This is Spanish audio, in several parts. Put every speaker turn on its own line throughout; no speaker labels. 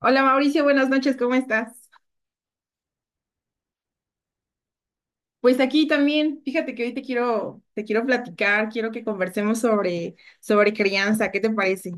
Hola Mauricio, buenas noches, ¿cómo estás? Pues aquí también, fíjate que hoy te quiero platicar, quiero que conversemos sobre crianza, ¿qué te parece?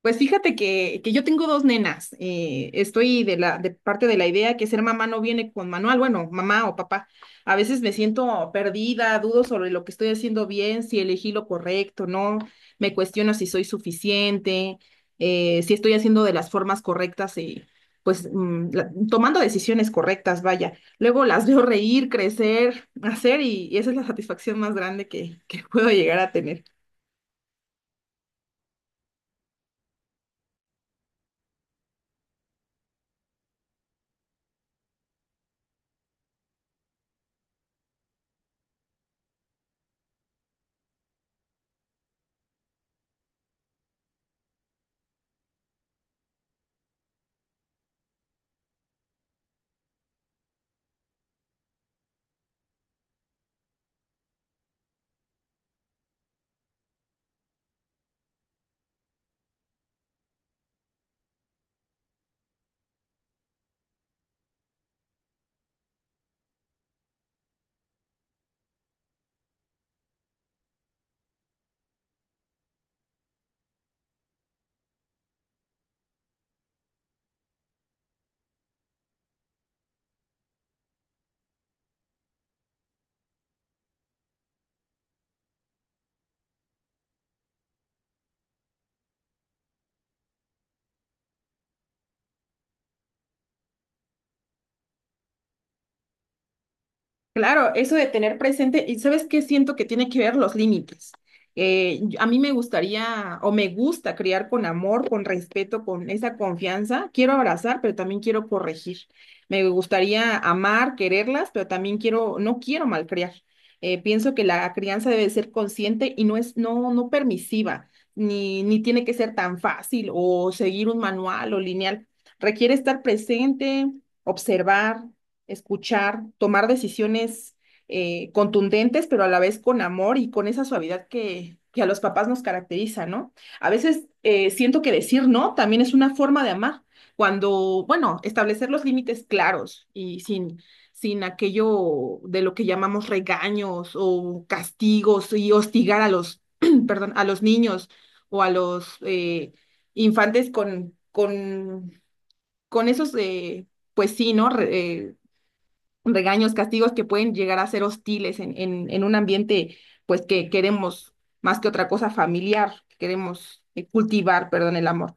Pues fíjate que yo tengo dos nenas. Estoy de parte de la idea que ser mamá no viene con manual. Bueno, mamá o papá. A veces me siento perdida, dudo sobre lo que estoy haciendo bien, si elegí lo correcto, ¿no? Me cuestiono si soy suficiente, si estoy haciendo de las formas correctas y pues tomando decisiones correctas, vaya. Luego las veo reír, crecer, hacer, y esa es la satisfacción más grande que puedo llegar a tener. Claro, eso de tener presente, y sabes qué, siento que tiene que ver los límites. A mí me gustaría o me gusta criar con amor, con respeto, con esa confianza. Quiero abrazar, pero también quiero corregir. Me gustaría amar, quererlas, pero también no quiero malcriar. Pienso que la crianza debe ser consciente y no es permisiva, ni tiene que ser tan fácil o seguir un manual o lineal. Requiere estar presente, observar, escuchar, tomar decisiones contundentes, pero a la vez con amor y con esa suavidad que a los papás nos caracteriza, ¿no? A veces siento que decir no también es una forma de amar, cuando, bueno, establecer los límites claros y sin aquello de lo que llamamos regaños o castigos y hostigar a los, perdón, a los niños o a los infantes con esos... pues sí, ¿no? Regaños, castigos que pueden llegar a ser hostiles en un ambiente, pues que queremos más que otra cosa familiar, que queremos cultivar, perdón, el amor.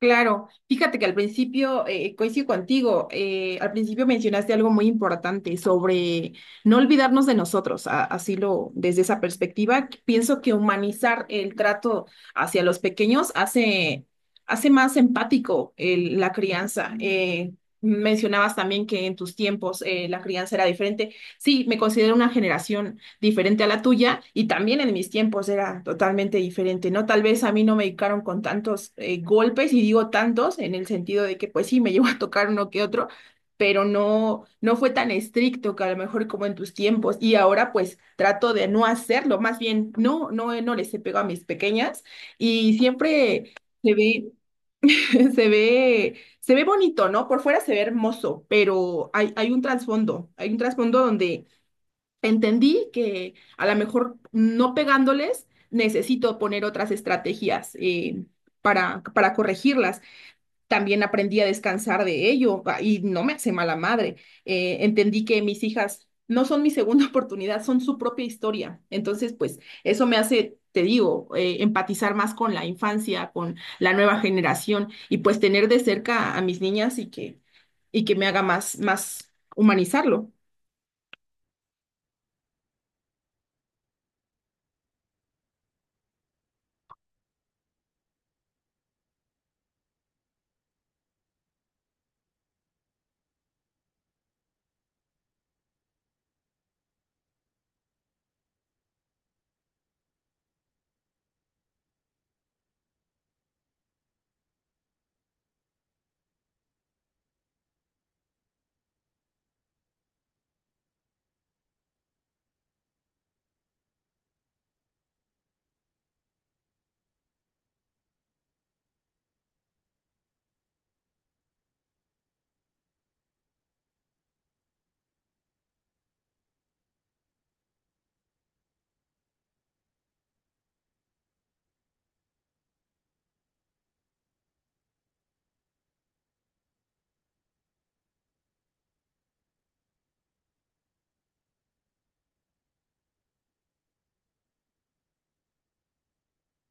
Claro, fíjate que al principio, coincido contigo, al principio mencionaste algo muy importante sobre no olvidarnos de nosotros, así lo, desde esa perspectiva, que pienso que humanizar el trato hacia los pequeños hace, hace más empático la crianza. Mencionabas también que en tus tiempos la crianza era diferente. Sí, me considero una generación diferente a la tuya y también en mis tiempos era totalmente diferente, ¿no? Tal vez a mí no me dedicaron con tantos golpes y digo tantos en el sentido de que pues sí, me llegó a tocar uno que otro, pero no fue tan estricto que a lo mejor como en tus tiempos y ahora pues trato de no hacerlo, más bien no les he pegado a mis pequeñas y siempre se ve, se ve, se ve bonito, ¿no? Por fuera se ve hermoso, pero hay un trasfondo, hay un trasfondo donde entendí que a lo mejor no pegándoles, necesito poner otras estrategias para corregirlas. También aprendí a descansar de ello y no me hace mala madre. Entendí que mis hijas no son mi segunda oportunidad, son su propia historia. Entonces, pues eso me hace... Te digo, empatizar más con la infancia, con la nueva generación y pues tener de cerca a mis niñas y que me haga más, más humanizarlo.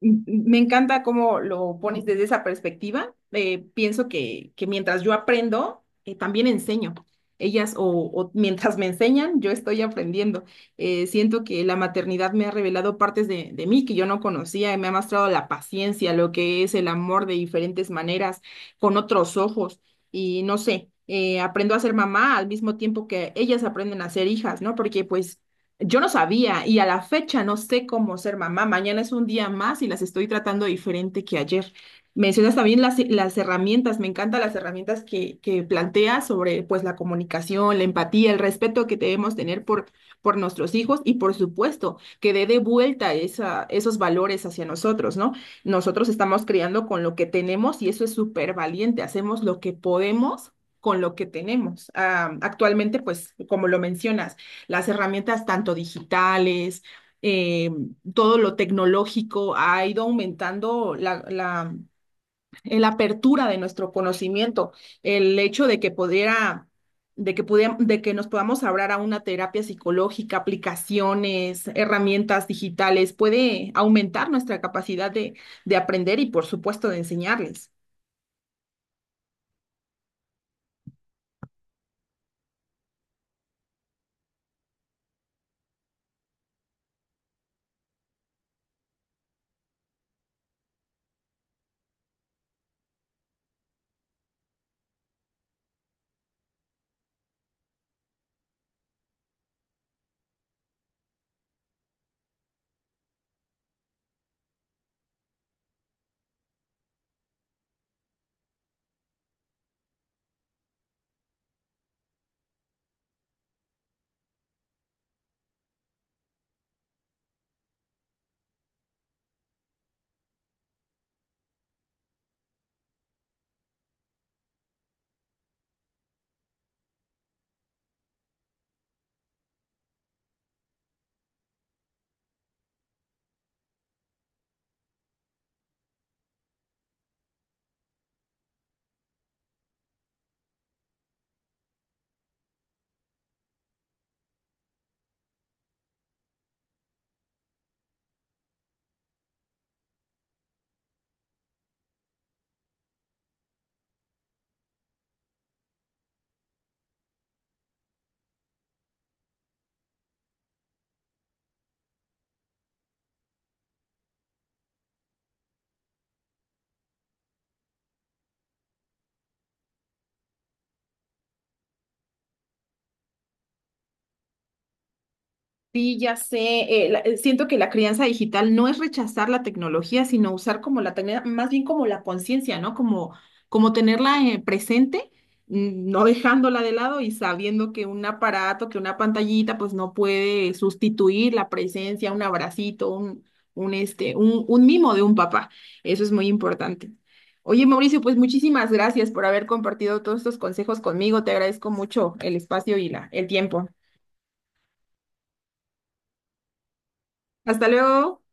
Me encanta cómo lo pones desde esa perspectiva. Pienso que mientras yo aprendo, también enseño. Ellas o mientras me enseñan, yo estoy aprendiendo. Siento que la maternidad me ha revelado partes de mí que yo no conocía y me ha mostrado la paciencia, lo que es el amor de diferentes maneras, con otros ojos. Y no sé, aprendo a ser mamá al mismo tiempo que ellas aprenden a ser hijas, ¿no? Porque pues yo no sabía y a la fecha no sé cómo ser mamá. Mañana es un día más y las estoy tratando diferente que ayer. Mencionas también las herramientas, me encantan las herramientas que planteas sobre pues la comunicación, la empatía, el respeto que debemos tener por nuestros hijos y por supuesto que dé de vuelta esa, esos valores hacia nosotros, ¿no? Nosotros estamos criando con lo que tenemos y eso es súper valiente, hacemos lo que podemos con lo que tenemos. Ah, actualmente, pues, como lo mencionas, las herramientas tanto digitales, eh, todo lo tecnológico ha ido aumentando la apertura de nuestro conocimiento, el hecho de que pudiera... De que nos podamos abrir a una terapia psicológica, aplicaciones, herramientas digitales, puede aumentar nuestra capacidad de aprender y, por supuesto, de enseñarles. Sí, ya sé. Siento que la crianza digital no es rechazar la tecnología, sino usar como la tecnología, más bien como la conciencia, ¿no? Como, como tenerla presente, no dejándola de lado y sabiendo que un aparato, que una pantallita, pues no puede sustituir la presencia, un abracito, un mimo de un papá. Eso es muy importante. Oye, Mauricio, pues muchísimas gracias por haber compartido todos estos consejos conmigo. Te agradezco mucho el espacio y el tiempo. Hasta luego.